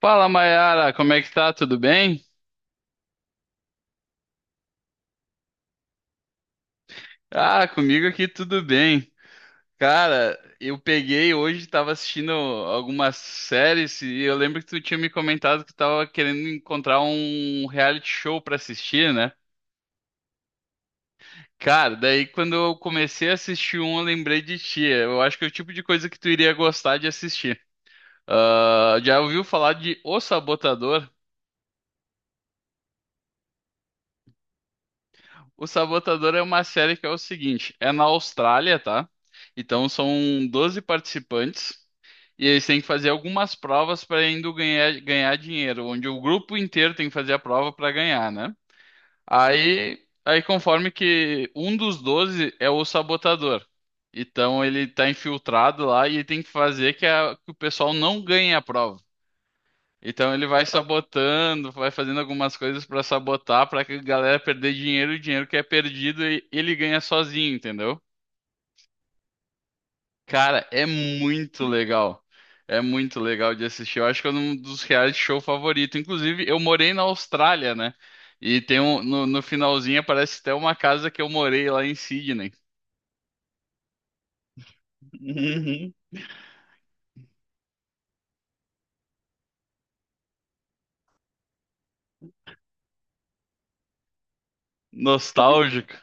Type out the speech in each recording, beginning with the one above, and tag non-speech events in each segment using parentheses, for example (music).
Fala, Mayara, como é que tá? Tudo bem? Ah, comigo aqui tudo bem. Cara, eu peguei hoje, tava assistindo algumas séries e eu lembro que tu tinha me comentado que tava querendo encontrar um reality show pra assistir, né? Cara, daí quando eu comecei a assistir um, eu lembrei de ti. Eu acho que é o tipo de coisa que tu iria gostar de assistir. Ah, já ouviu falar de O Sabotador? O Sabotador é uma série que é o seguinte, é na Austrália, tá? Então são 12 participantes. E eles têm que fazer algumas provas para indo ganhar dinheiro, onde o grupo inteiro tem que fazer a prova para ganhar, né? Aí conforme que um dos 12 é o sabotador. Então ele tá infiltrado lá e ele tem que fazer que o pessoal não ganhe a prova. Então ele vai sabotando, vai fazendo algumas coisas para sabotar, para que a galera perder dinheiro, e o dinheiro que é perdido ele ganha sozinho, entendeu? Cara, é muito legal. É muito legal de assistir. Eu acho que é um dos reality show favorito. Inclusive, eu morei na Austrália, né? E tem um, no finalzinho aparece até uma casa que eu morei lá em Sydney. Uhum. Nostálgico.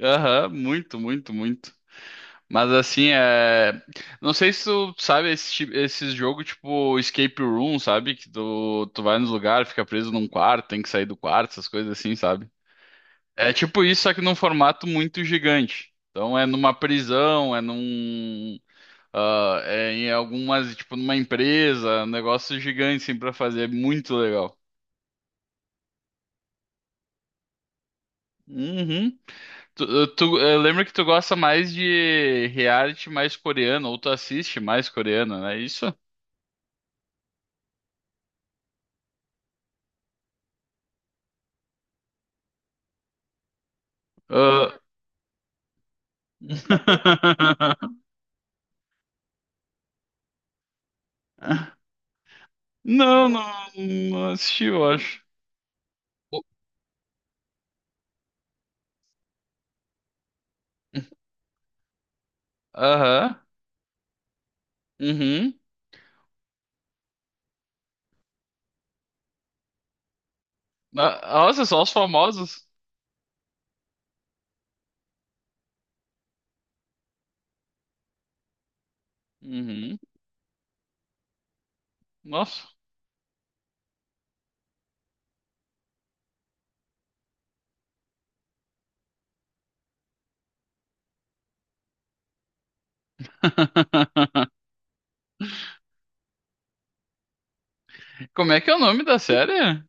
Aham, muito, muito, muito. Mas assim, é. Não sei se tu sabe esse jogo tipo Escape Room, sabe? Que tu vai nos lugares, fica preso num quarto, tem que sair do quarto, essas coisas assim, sabe? É tipo isso, só que num formato muito gigante. Então é numa prisão, é num. Ah, é em algumas, tipo, numa empresa, um negócio gigante, assim, pra fazer. É muito legal. Uhum. Eu lembro que tu gosta mais de reality mais coreano, ou tu assiste mais coreano, não é isso? Ah, (laughs) Não, não, não assisti, eu acho. O- Aham. Uhum. Ah, nossa, só os famosos. Uhum. Nossa. (laughs) Como é que é o nome da série?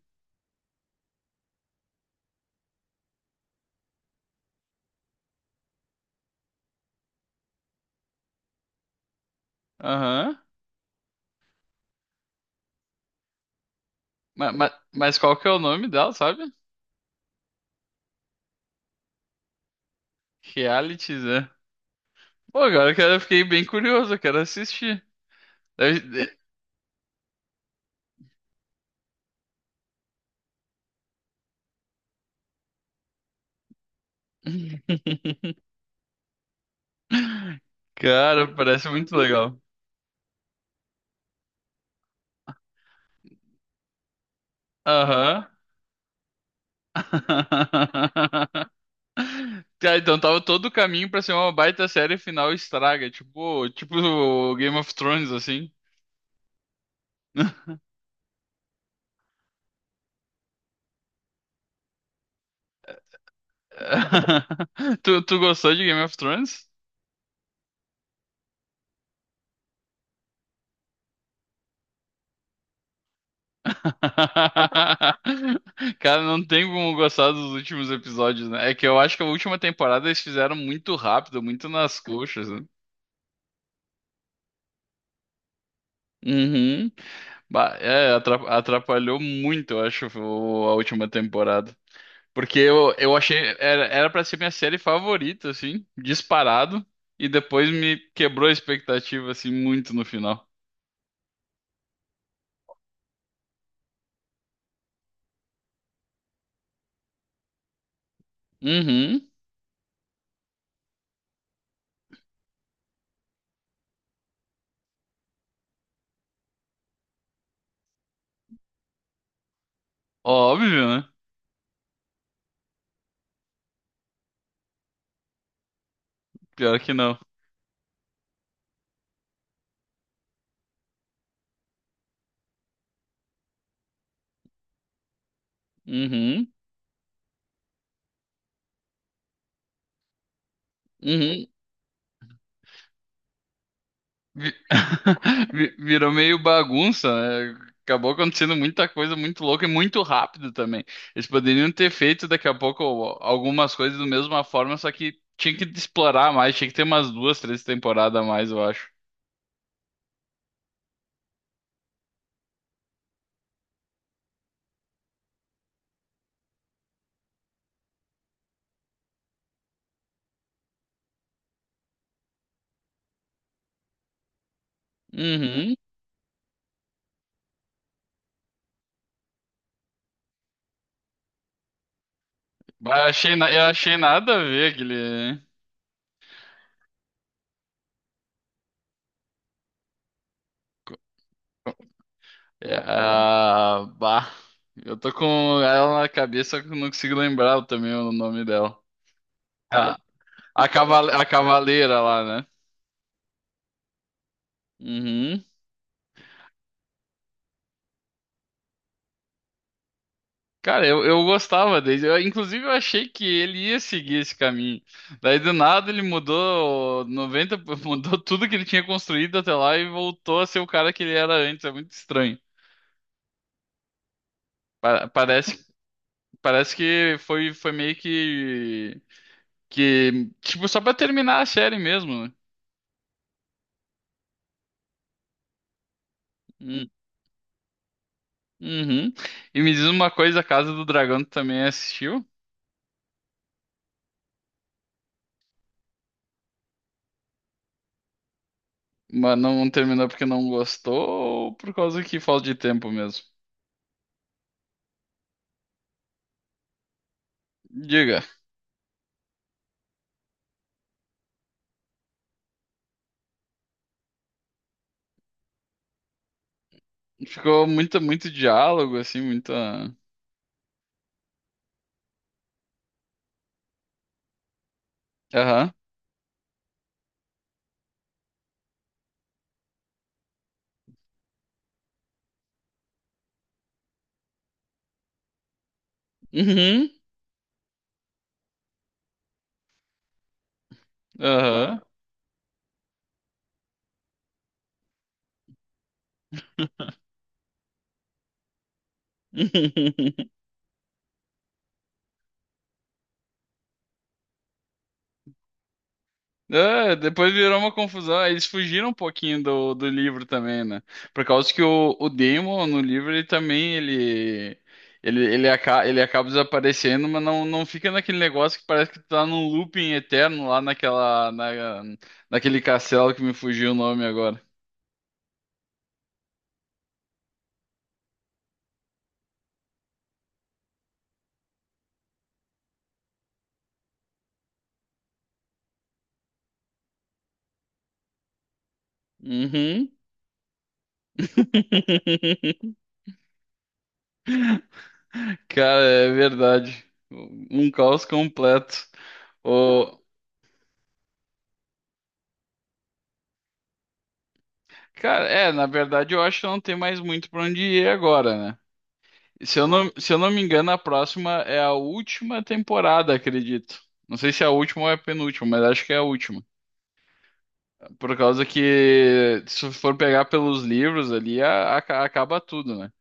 Aham. Mas qual que é o nome dela, sabe? Realities, é. Pô, agora que eu fiquei bem curioso, eu quero assistir. Deve- de- (laughs) Cara, parece muito legal. Aham. (laughs) Tá, então tava todo o caminho pra ser uma baita série e final estraga, tipo, tipo o Game of Thrones, assim. (laughs) Tu gostou de Game of Thrones? (laughs) Cara, não tem como gostar dos últimos episódios, né? É que eu acho que a última temporada eles fizeram muito rápido, muito nas coxas, né? Uhum. É, atrapalhou muito, eu acho, a última temporada. Porque eu achei, era pra ser minha série favorita, assim, disparado, e depois me quebrou a expectativa, assim, muito no final. Uhum. Óbvio, né? Pior que não. Uhum. Uhum. Vi- (laughs) Virou meio bagunça, né? Acabou acontecendo muita coisa muito louca e muito rápido também. Eles poderiam ter feito daqui a pouco algumas coisas da mesma forma, só que tinha que explorar mais, tinha que ter umas duas, três temporadas a mais, eu acho. Uhum. Bah, achei, eu achei nada a ver aquele. É, ah, bah. Eu tô com ela na cabeça, só que eu não consigo lembrar também o nome dela. A, a cavaleira lá, né? Uhum. Cara, eu gostava dele. Eu, inclusive, eu achei que ele ia seguir esse caminho. Daí, do nada, ele mudou 90 (laughs) mudou tudo que ele tinha construído até lá e voltou a ser o cara que ele era antes. É muito estranho. Pa- parece, parece que foi meio que, tipo, só pra terminar a série mesmo. Né? Hum, uhum. E me diz uma coisa, a Casa do Dragão tu também assistiu, mas não terminou porque não gostou ou por causa que falta de tempo mesmo? Diga. Ficou muito, muito diálogo, assim, muita. Aham. Uhum. Aham. (laughs) É, depois virou uma confusão. Aí eles fugiram um pouquinho do, do livro também, né? Por causa que o Demon no livro ele também ele acaba desaparecendo, mas não fica naquele negócio que parece que tu tá num looping eterno lá naquele castelo que me fugiu o nome agora. Uhum. (laughs) Cara, é verdade. Um caos completo. O... Cara, é, na verdade eu acho que não tem mais muito pra onde ir agora, né? Se eu não me engano, a próxima é a última temporada, acredito. Não sei se é a última ou é a penúltima, mas acho que é a última. Por causa que, se for pegar pelos livros ali, acaba tudo, né?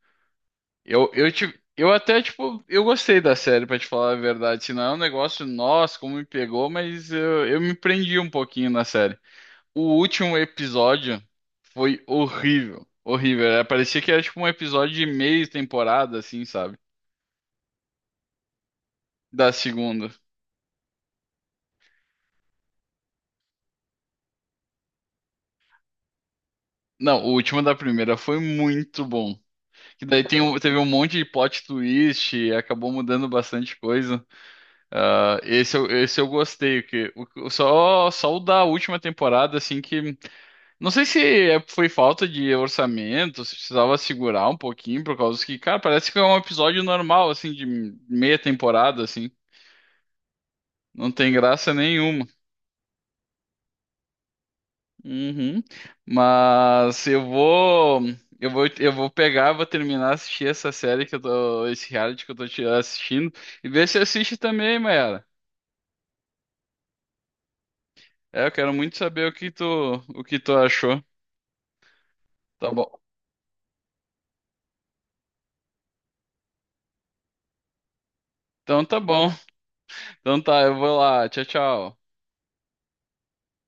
Eu até, tipo, eu gostei da série, pra te falar a verdade. Se não é um negócio, nossa, como me pegou, mas eu me prendi um pouquinho na série. O último episódio foi horrível. Horrível. Parecia que era tipo um episódio de meia temporada, assim, sabe? Da segunda. Não, o último da primeira foi muito bom. Que daí tem teve um monte de plot twist, e acabou mudando bastante coisa. Ah, esse eu gostei, que só, só o da última temporada, assim, que. Não sei se foi falta de orçamento, se precisava segurar um pouquinho, por causa que, cara, parece que é um episódio normal, assim, de meia temporada, assim. Não tem graça nenhuma. Uhum. Mas eu vou pegar, vou terminar assistir essa série que eu tô, esse reality que eu tô assistindo e ver se assiste também, Mayara. É, eu quero muito saber o que tu achou. Tá bom. Então tá bom. Então tá, eu vou lá. Tchau, tchau.